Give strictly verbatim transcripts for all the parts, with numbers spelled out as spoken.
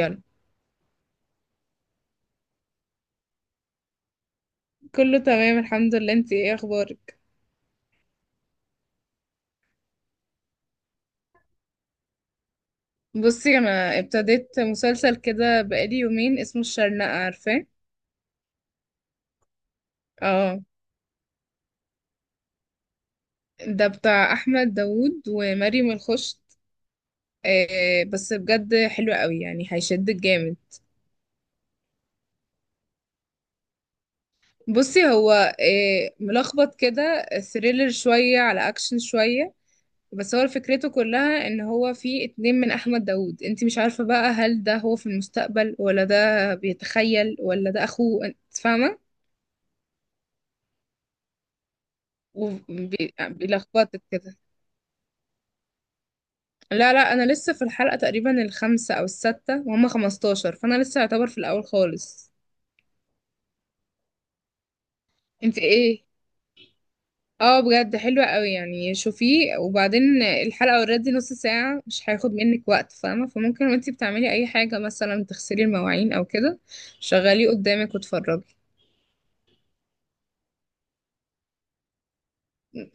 يلا. كله تمام، الحمد لله. انتي ايه اخبارك؟ بصي انا ابتديت مسلسل كده بقالي يومين، اسمه الشرنقة، عارفاه؟ اه، ده بتاع احمد داوود ومريم الخشت. آه بس بجد حلو قوي، يعني هيشدك جامد. بصي هو آه ملخبط كده، ثريلر شوية على اكشن شوية. بس هو فكرته كلها ان هو في اتنين من احمد داوود، انتي مش عارفة بقى هل ده هو في المستقبل ولا ده بيتخيل ولا ده اخوه، انت فاهمة؟ وبيلخبطك كده. لا لا، انا لسه في الحلقة تقريبا الخامسة او السادسة، وهم خمستاشر، فانا لسه يعتبر في الاول خالص. انت ايه؟ اه، بجد حلوة قوي، يعني شوفيه. وبعدين الحلقة اوريدي نص ساعة، مش هياخد منك وقت، فاهمة؟ فممكن وانتي بتعملي اي حاجة، مثلا تغسلي المواعين او كده، شغليه قدامك واتفرجي.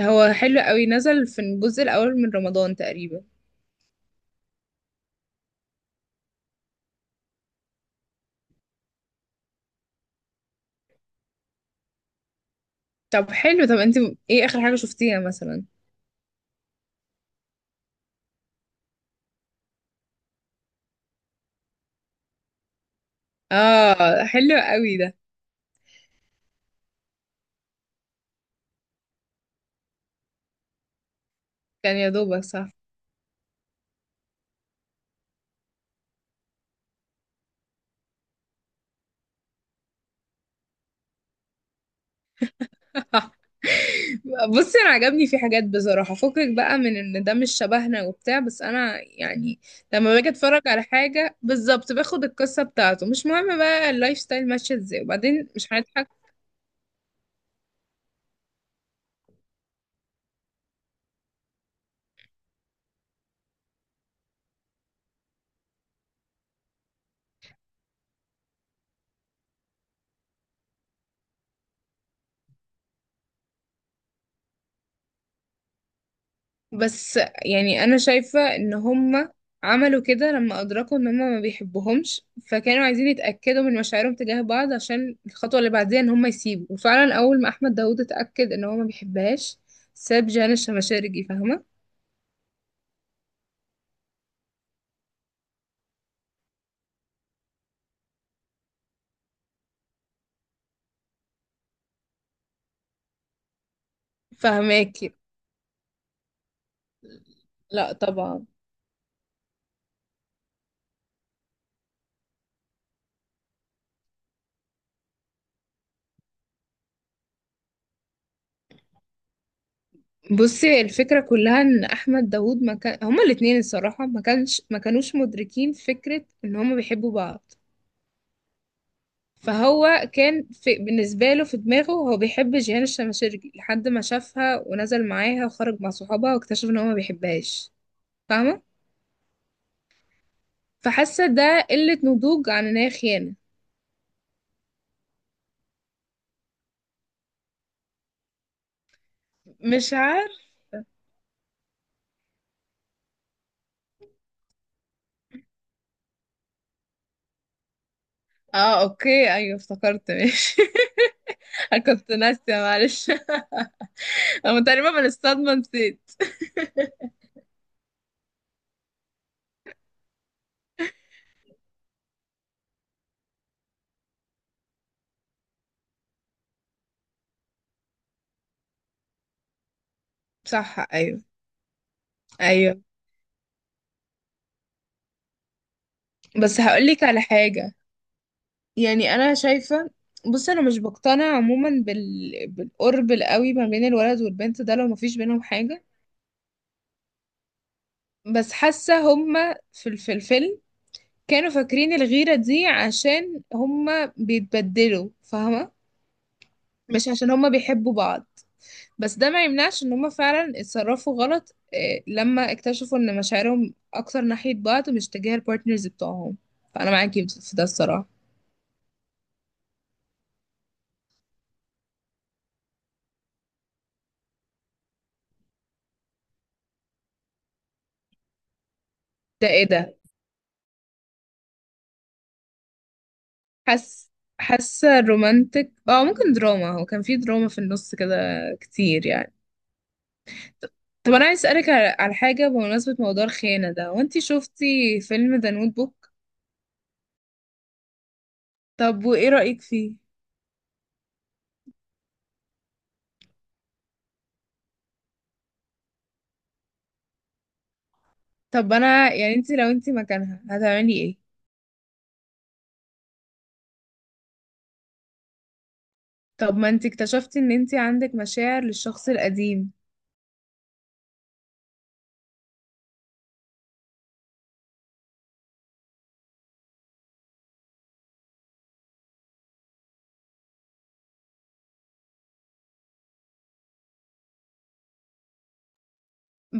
هو حلو قوي، نزل في الجزء الاول من رمضان تقريبا. طب حلو. طب انت ايه اخر حاجة شفتيها مثلا؟ اه، حلو قوي ده، كان يا دوبك صح. بصي انا عجبني في حاجات بصراحه، فكك بقى من ان ده مش شبهنا وبتاع، بس انا يعني لما باجي اتفرج على حاجه بالظبط باخد القصه بتاعته، مش مهم بقى اللايف ستايل ماشيه ازاي، وبعدين مش هنضحك. بس يعني انا شايفه ان هما عملوا كده لما ادركوا ان هما ما بيحبوهمش، فكانوا عايزين يتاكدوا من مشاعرهم تجاه بعض عشان الخطوه اللي بعديها ان هما يسيبوا. وفعلا اول ما احمد داوود اتاكد ان هو ما بيحبهاش ساب جانا الشمشارجي، فاهمه؟ فاهماكي. لا طبعا. بصي هي الفكرة كلها ان احمد داوود، ما كان هما الاتنين الصراحة ما كانش ما كانوش مدركين فكرة ان هما بيحبوا بعض. فهو كان في... بالنسبة له في دماغه هو بيحب جيهان الشماشرجي لحد ما شافها ونزل معاها وخرج مع صحابها، واكتشف ان هو ما بيحبهاش، فاهمة؟ فحاسة ده قلة نضوج عن ان هي خيانة. مش عارف. اه اوكي، ايوه افتكرت ماشي. انا كنت ناسية، معلش. انا تقريبا من الصدمة نسيت. صح، ايوه، ايوه. بس هقولك على حاجة، يعني انا شايفه، بص انا مش بقتنع عموما بال... بالقرب القوي ما بين الولد والبنت ده لو مفيش بينهم حاجه. بس حاسه هما في ال- في الفيلم كانوا فاكرين الغيره دي عشان هما بيتبدلوا، فاهمه؟ مش عشان هما بيحبوا بعض. بس ده ما يمنعش ان هما فعلا اتصرفوا غلط، آه، لما اكتشفوا ان مشاعرهم اكتر ناحيه بعض مش تجاه البارتنرز بتوعهم. فانا معاكي في ده الصراحه. ده ايه ده؟ حاسه حاسه رومانتك، اه ممكن دراما، هو كان في دراما في النص كده كتير يعني. طب انا عايز اسالك على على حاجه بمناسبه موضوع الخيانه ده، وانتي شفتي فيلم ذا نوت بوك. طب وايه رايك فيه؟ طب انا يعني، انتي لو انتي مكانها هتعملي ايه؟ طب ما انتي اكتشفتي ان انتي عندك مشاعر للشخص القديم.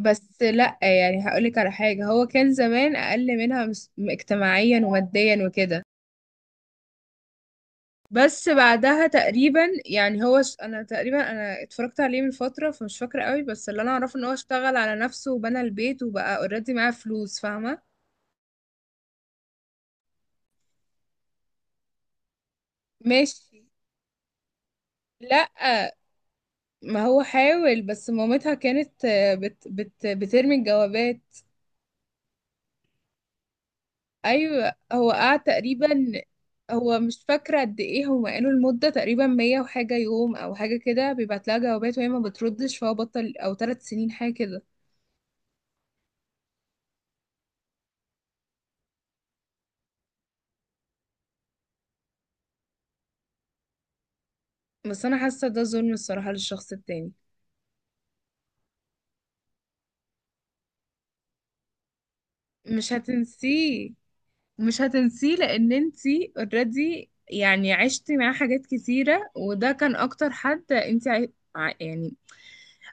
بس لا يعني هقولك على حاجه، هو كان زمان اقل منها، مس- اجتماعيا وماديا وكده. بس بعدها تقريبا، يعني هو ش... انا تقريبا انا اتفرجت عليه من فترة، فمش فاكرة قوي، بس اللي انا اعرفه ان هو اشتغل على نفسه وبنى البيت وبقى اوريدي معاه فلوس، فاهمة؟ ماشي. لا ما هو حاول، بس مامتها كانت آه، بت... بت... بترمي الجوابات. ايوه هو قعد تقريبا. هو مش فاكرة قد ايه، هم قالوا المدة تقريبا مية وحاجة يوم او حاجة كده، بيبعت لها جوابات وهي ما بتردش، فهو بطل، او ثلاث سنين حاجة كده. بس انا حاسة ده ظلم الصراحة للشخص التاني. مش هتنسيه، مش هتنسيه لان انتي اوريدي يعني عشتي معاه حاجات كتيرة، وده كان اكتر حد انتي عي... ع- يعني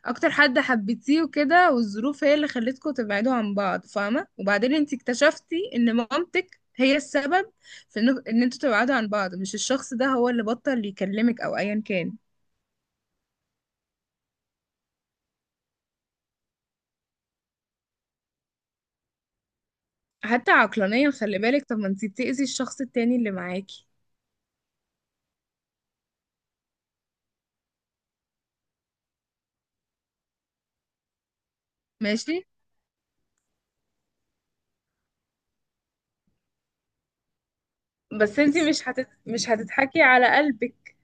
اكتر حد حبيتيه وكده، والظروف هي اللي خلتكم تبعدوا عن بعض، فاهمة؟ وبعدين انتي اكتشفتي ان مامتك هي السبب في ان, إن انتوا تبعدوا عن بعض، مش الشخص ده هو اللي بطل يكلمك او ايا كان. حتى عقلانيا خلي بالك، طب ما انتي بتأذي الشخص التاني اللي معاكي. ماشي. بس انتي مش هتت... مش هتضحكي على قلبك.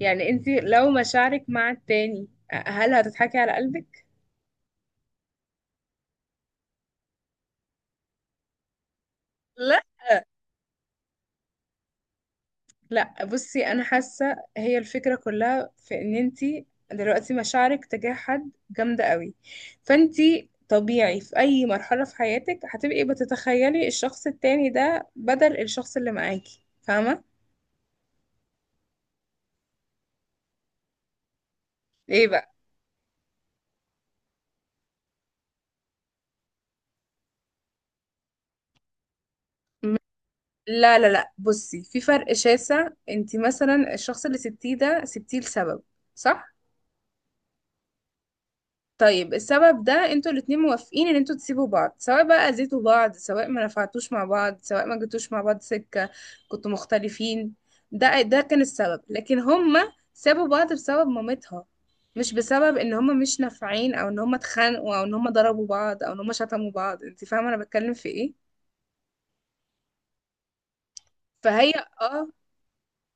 يعني انت لو مشاعرك مع التاني هل هتضحكي على قلبك؟ لا لا، بصي انا حاسة هي الفكرة كلها في ان انت دلوقتي مشاعرك تجاه حد جامدة قوي، فانت طبيعي في اي مرحلة في حياتك هتبقي بتتخيلي الشخص التاني ده بدل الشخص اللي معاكي، فاهمة؟ ايه بقى؟ م- لا لا لا، بصي في فرق شاسع. انت مثلا الشخص اللي سبتيه ده سبتيه لسبب، صح؟ طيب السبب ده انتوا الاتنين موافقين ان انتوا تسيبوا بعض، سواء بقى اذيتوا بعض، سواء ما نفعتوش مع بعض، سواء ما جيتوش مع بعض سكة، كنتوا مختلفين، ده ده كان السبب. لكن هما سابوا بعض بسبب مامتها، مش بسبب ان هما مش نافعين او ان هما اتخانقوا او ان هما ضربوا بعض او ان هما شتموا بعض، انت فاهمة انا بتكلم في ايه؟ فهي اه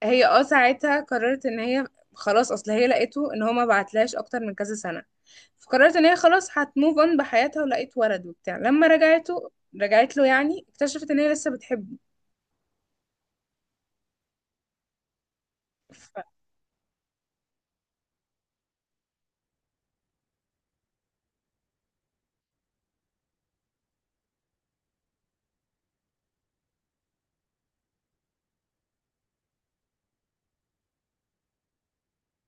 هي اه ساعتها قررت ان هي خلاص، اصل هي لقيته ان هو ما بعتلهاش اكتر من كذا سنة، فقررت ان هي خلاص هتموف اون بحياتها، ولقيت ولد وبتاع. لما رجعته رجعت له يعني اكتشفت ان هي لسه بتحبه. ف-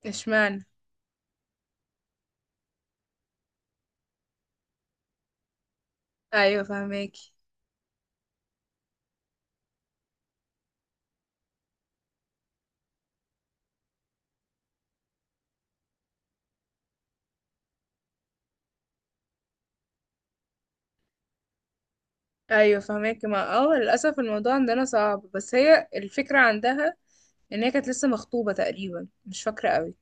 اشمعنى؟ ايوه فهماكي، ايوه فهماكي. ما اه للاسف الموضوع عندنا صعب. بس هي الفكره عندها ان هي كانت لسه مخطوبه تقريبا، مش فاكره قوي.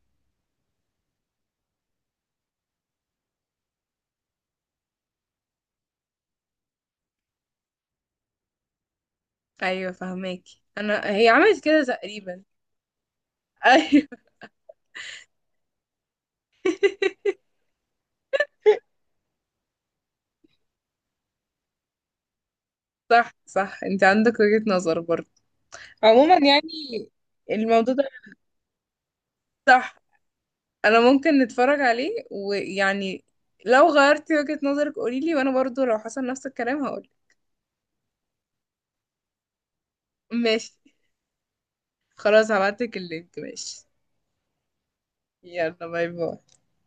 ايوه فهماكي، انا هي عملت كده تقريبا. ايوه. صح، صح، انت عندك وجهة نظر برضه. عموما يعني الموضوع ده، صح، انا ممكن نتفرج عليه. ويعني لو غيرتي وجهة نظرك قوليلي، وانا برضو لو حصل نفس الكلام هقولك. ماشي. خلاص هبعتلك اللينك، ماشي. يلا، باي باي.